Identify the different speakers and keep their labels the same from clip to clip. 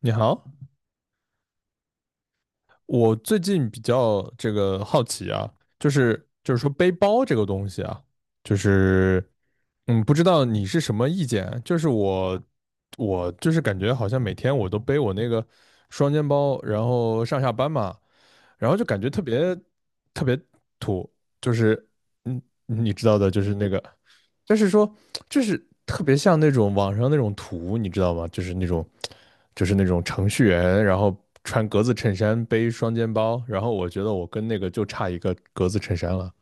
Speaker 1: 你好，我最近比较这个好奇啊，就是说背包这个东西啊，就是不知道你是什么意见啊？就是我就是感觉好像每天我都背我那个双肩包，然后上下班嘛，然后就感觉特别土，就是嗯，你知道的，就是那个。就是说，就是特别像那种网上那种图，你知道吗？就是那种，就是那种程序员，然后穿格子衬衫，背双肩包，然后我觉得我跟那个就差一个格子衬衫了。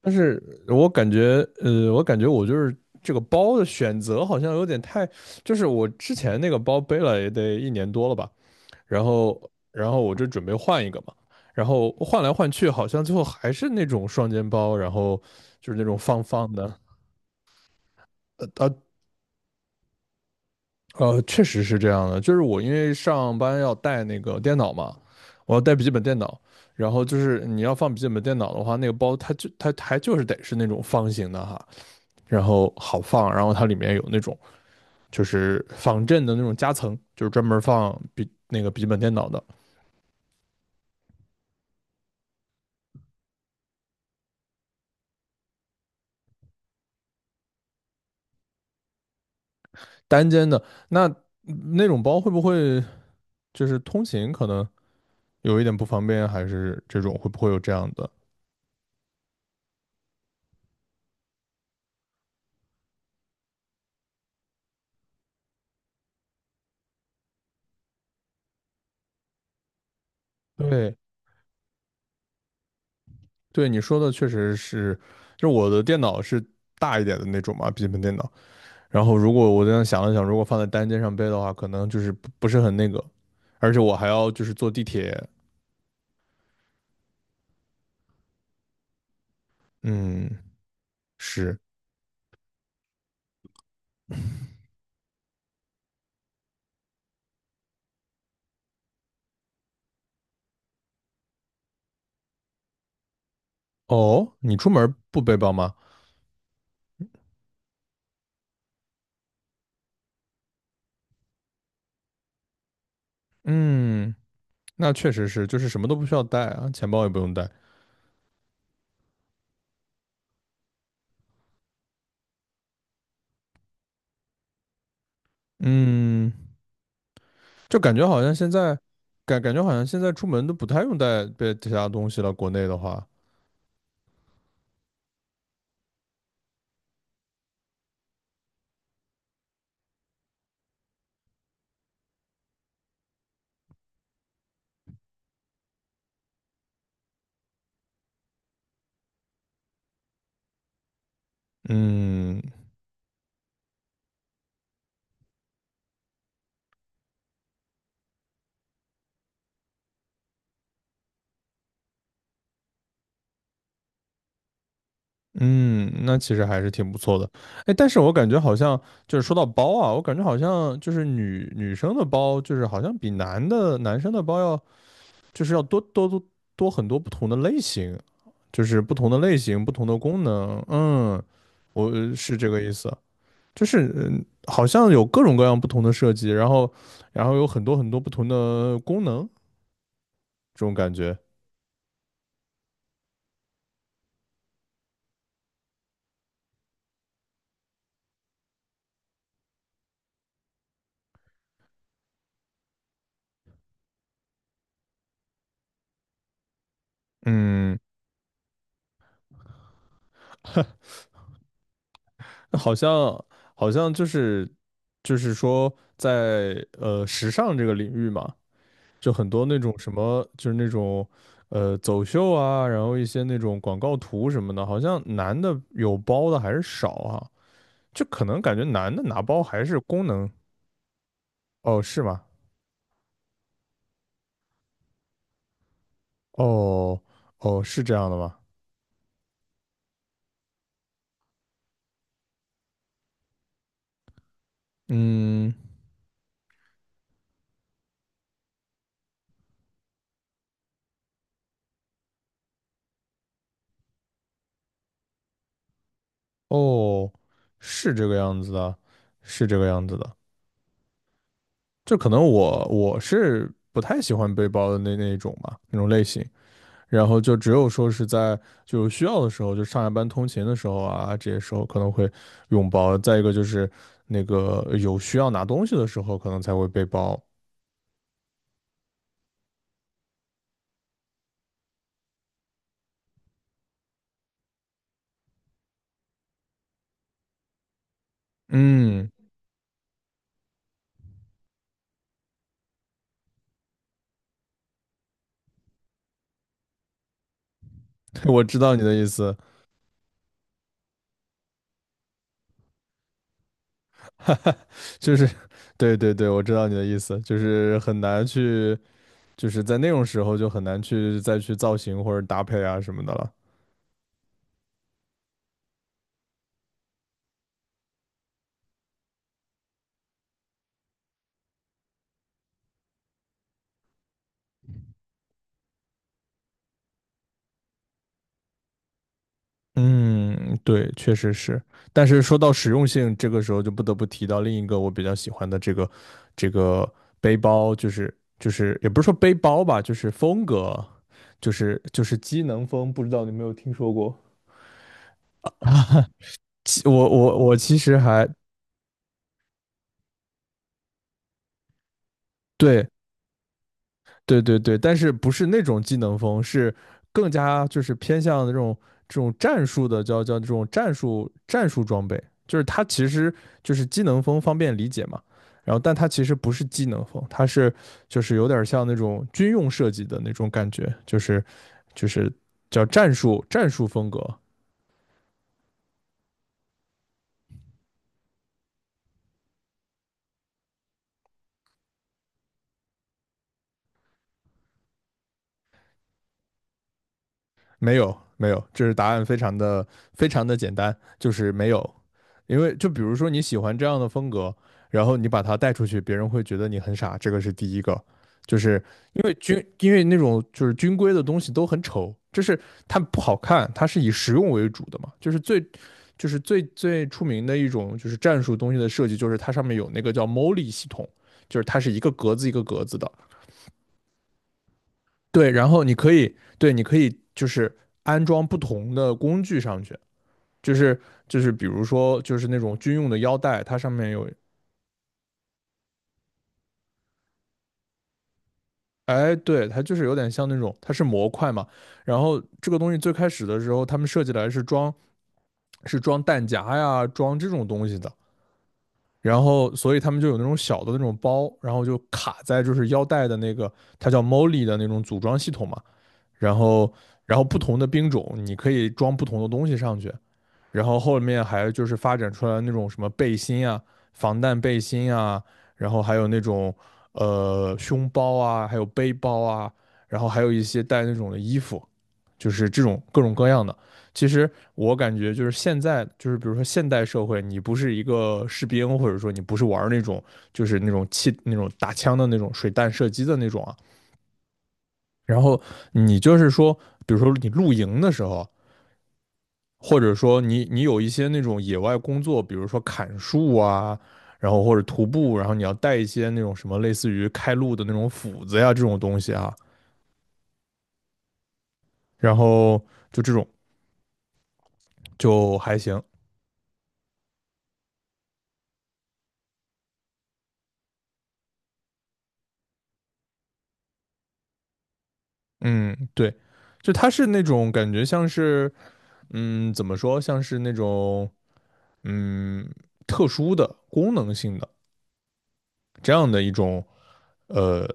Speaker 1: 但是我感觉，我感觉我就是这个包的选择好像有点太，就是我之前那个包背了也得一年多了吧，然后，然后我就准备换一个嘛，然后换来换去，好像最后还是那种双肩包，然后就是那种方方的，啊，呃确实是这样的，就是我因为上班要带那个电脑嘛，我要带笔记本电脑，然后就是你要放笔记本电脑的话，那个包它还就是得是那种方形的哈，然后好放，然后它里面有那种就是防震的那种夹层，就是专门放笔那个笔记本电脑的单肩的，那那种包会不会就是通勤可能有一点不方便，还是这种会不会有这样的？对，对你说的确实是，就是我的电脑是大一点的那种嘛，笔记本电脑。然后如果我这样想了想，如果放在单肩上背的话，可能就是不是很那个，而且我还要就是坐地铁。嗯，是。哦，你出门不背包吗？嗯，那确实是，就是什么都不需要带啊，钱包也不用带。嗯，就感觉好像现在，感觉好像现在出门都不太用带背其他东西了。国内的话，嗯，嗯，那其实还是挺不错的。哎，但是我感觉好像就是说到包啊，我感觉好像就是女生的包，就是好像比男生的包要就是要多很多不同的类型，就是不同的类型、不同的功能。嗯，我是这个意思，就是嗯好像有各种各样不同的设计，然后有很多不同的功能，这种感觉。嗯，好像好像就是说在时尚这个领域嘛，就很多那种什么就是那种走秀啊，然后一些那种广告图什么的，好像男的有包的还是少啊，就可能感觉男的拿包还是功能哦，是吗？哦哦，是这样的吗？嗯，哦，是这个样子的，是这个样子的。就可能我是不太喜欢背包的那一种吧，那种类型。然后就只有说是在就是需要的时候，就上下班通勤的时候啊，这些时候可能会用包。再一个就是那个有需要拿东西的时候，可能才会背包。嗯，我知道你的意思，就是对对对，我知道你的意思，就是很难去，就是在那种时候就很难去再去造型或者搭配啊什么的了。嗯，对，确实是。但是说到实用性，这个时候就不得不提到另一个我比较喜欢的这个背包，就是也不是说背包吧，就是风格，就是机能风，不知道你有没有听说过？其我我我其实还对对对对，但是不是那种技能风，是更加就是偏向这种战术的，叫这种战术装备，就是它其实就是技能风方便理解嘛。然后，但它其实不是技能风，它是就是有点像那种军用设计的那种感觉，就是就是叫战术风格。没有没有，这是答案非常的简单，就是没有。因为就比如说你喜欢这样的风格，然后你把它带出去，别人会觉得你很傻，这个是第一个。就是因为军，因为那种就是军规的东西都很丑，就是它不好看，它是以实用为主的嘛。就是最，就是最出名的一种就是战术东西的设计，就是它上面有那个叫 MOLI 系统，就是它是一个格子一个格子的。对，然后你可以，对，你可以就是安装不同的工具上去，就是就是比如说就是那种军用的腰带，它上面有哎，对，它就是有点像那种，它是模块嘛。然后这个东西最开始的时候，他们设计来是装，是装弹夹呀，装这种东西的。然后，所以他们就有那种小的那种包，然后就卡在就是腰带的那个，它叫 Molly 的那种组装系统嘛。然后然后不同的兵种你可以装不同的东西上去，然后后面还就是发展出来那种什么背心啊、防弹背心啊，然后还有那种胸包啊，还有背包啊，然后还有一些带那种的衣服，就是这种各种各样的。其实我感觉就是现在，就是比如说现代社会，你不是一个士兵，或者说你不是玩那种就是那种气那种打枪的那种水弹射击的那种啊，然后你就是说，比如说你露营的时候，或者说你有一些那种野外工作，比如说砍树啊，然后或者徒步，然后你要带一些那种什么类似于开路的那种斧子呀这种东西啊，然后就这种就还行，嗯，对，就它是那种感觉像是，嗯，怎么说，像是那种嗯特殊的功能性的这样的一种呃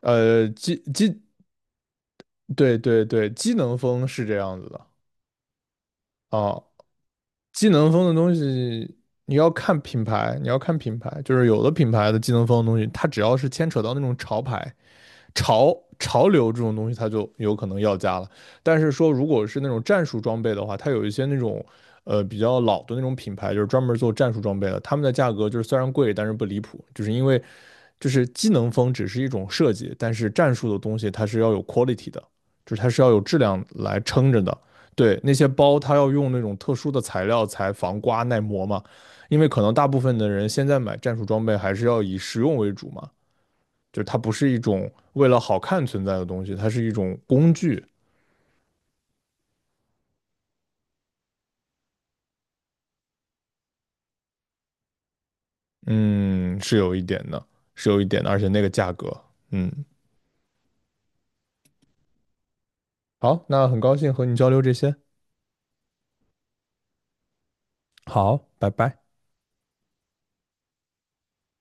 Speaker 1: 呃机机对对对，机能风是这样子的啊。机能风的东西你要看品牌，你要看品牌，就是有的品牌的机能风的东西，它只要是牵扯到那种潮牌、潮潮流这种东西，它就有可能要价了。但是说如果是那种战术装备的话，它有一些那种比较老的那种品牌，就是专门做战术装备的，他们的价格就是虽然贵，但是不离谱，就是因为就是机能风只是一种设计，但是战术的东西它是要有 quality 的，就是它是要有质量来撑着的。对，那些包它要用那种特殊的材料才防刮耐磨嘛，因为可能大部分的人现在买战术装备还是要以实用为主嘛，就是它不是一种为了好看存在的东西，它是一种工具。嗯，是有一点的，是有一点的，而且那个价格，嗯，好，那很高兴和你交流这些，好，拜拜。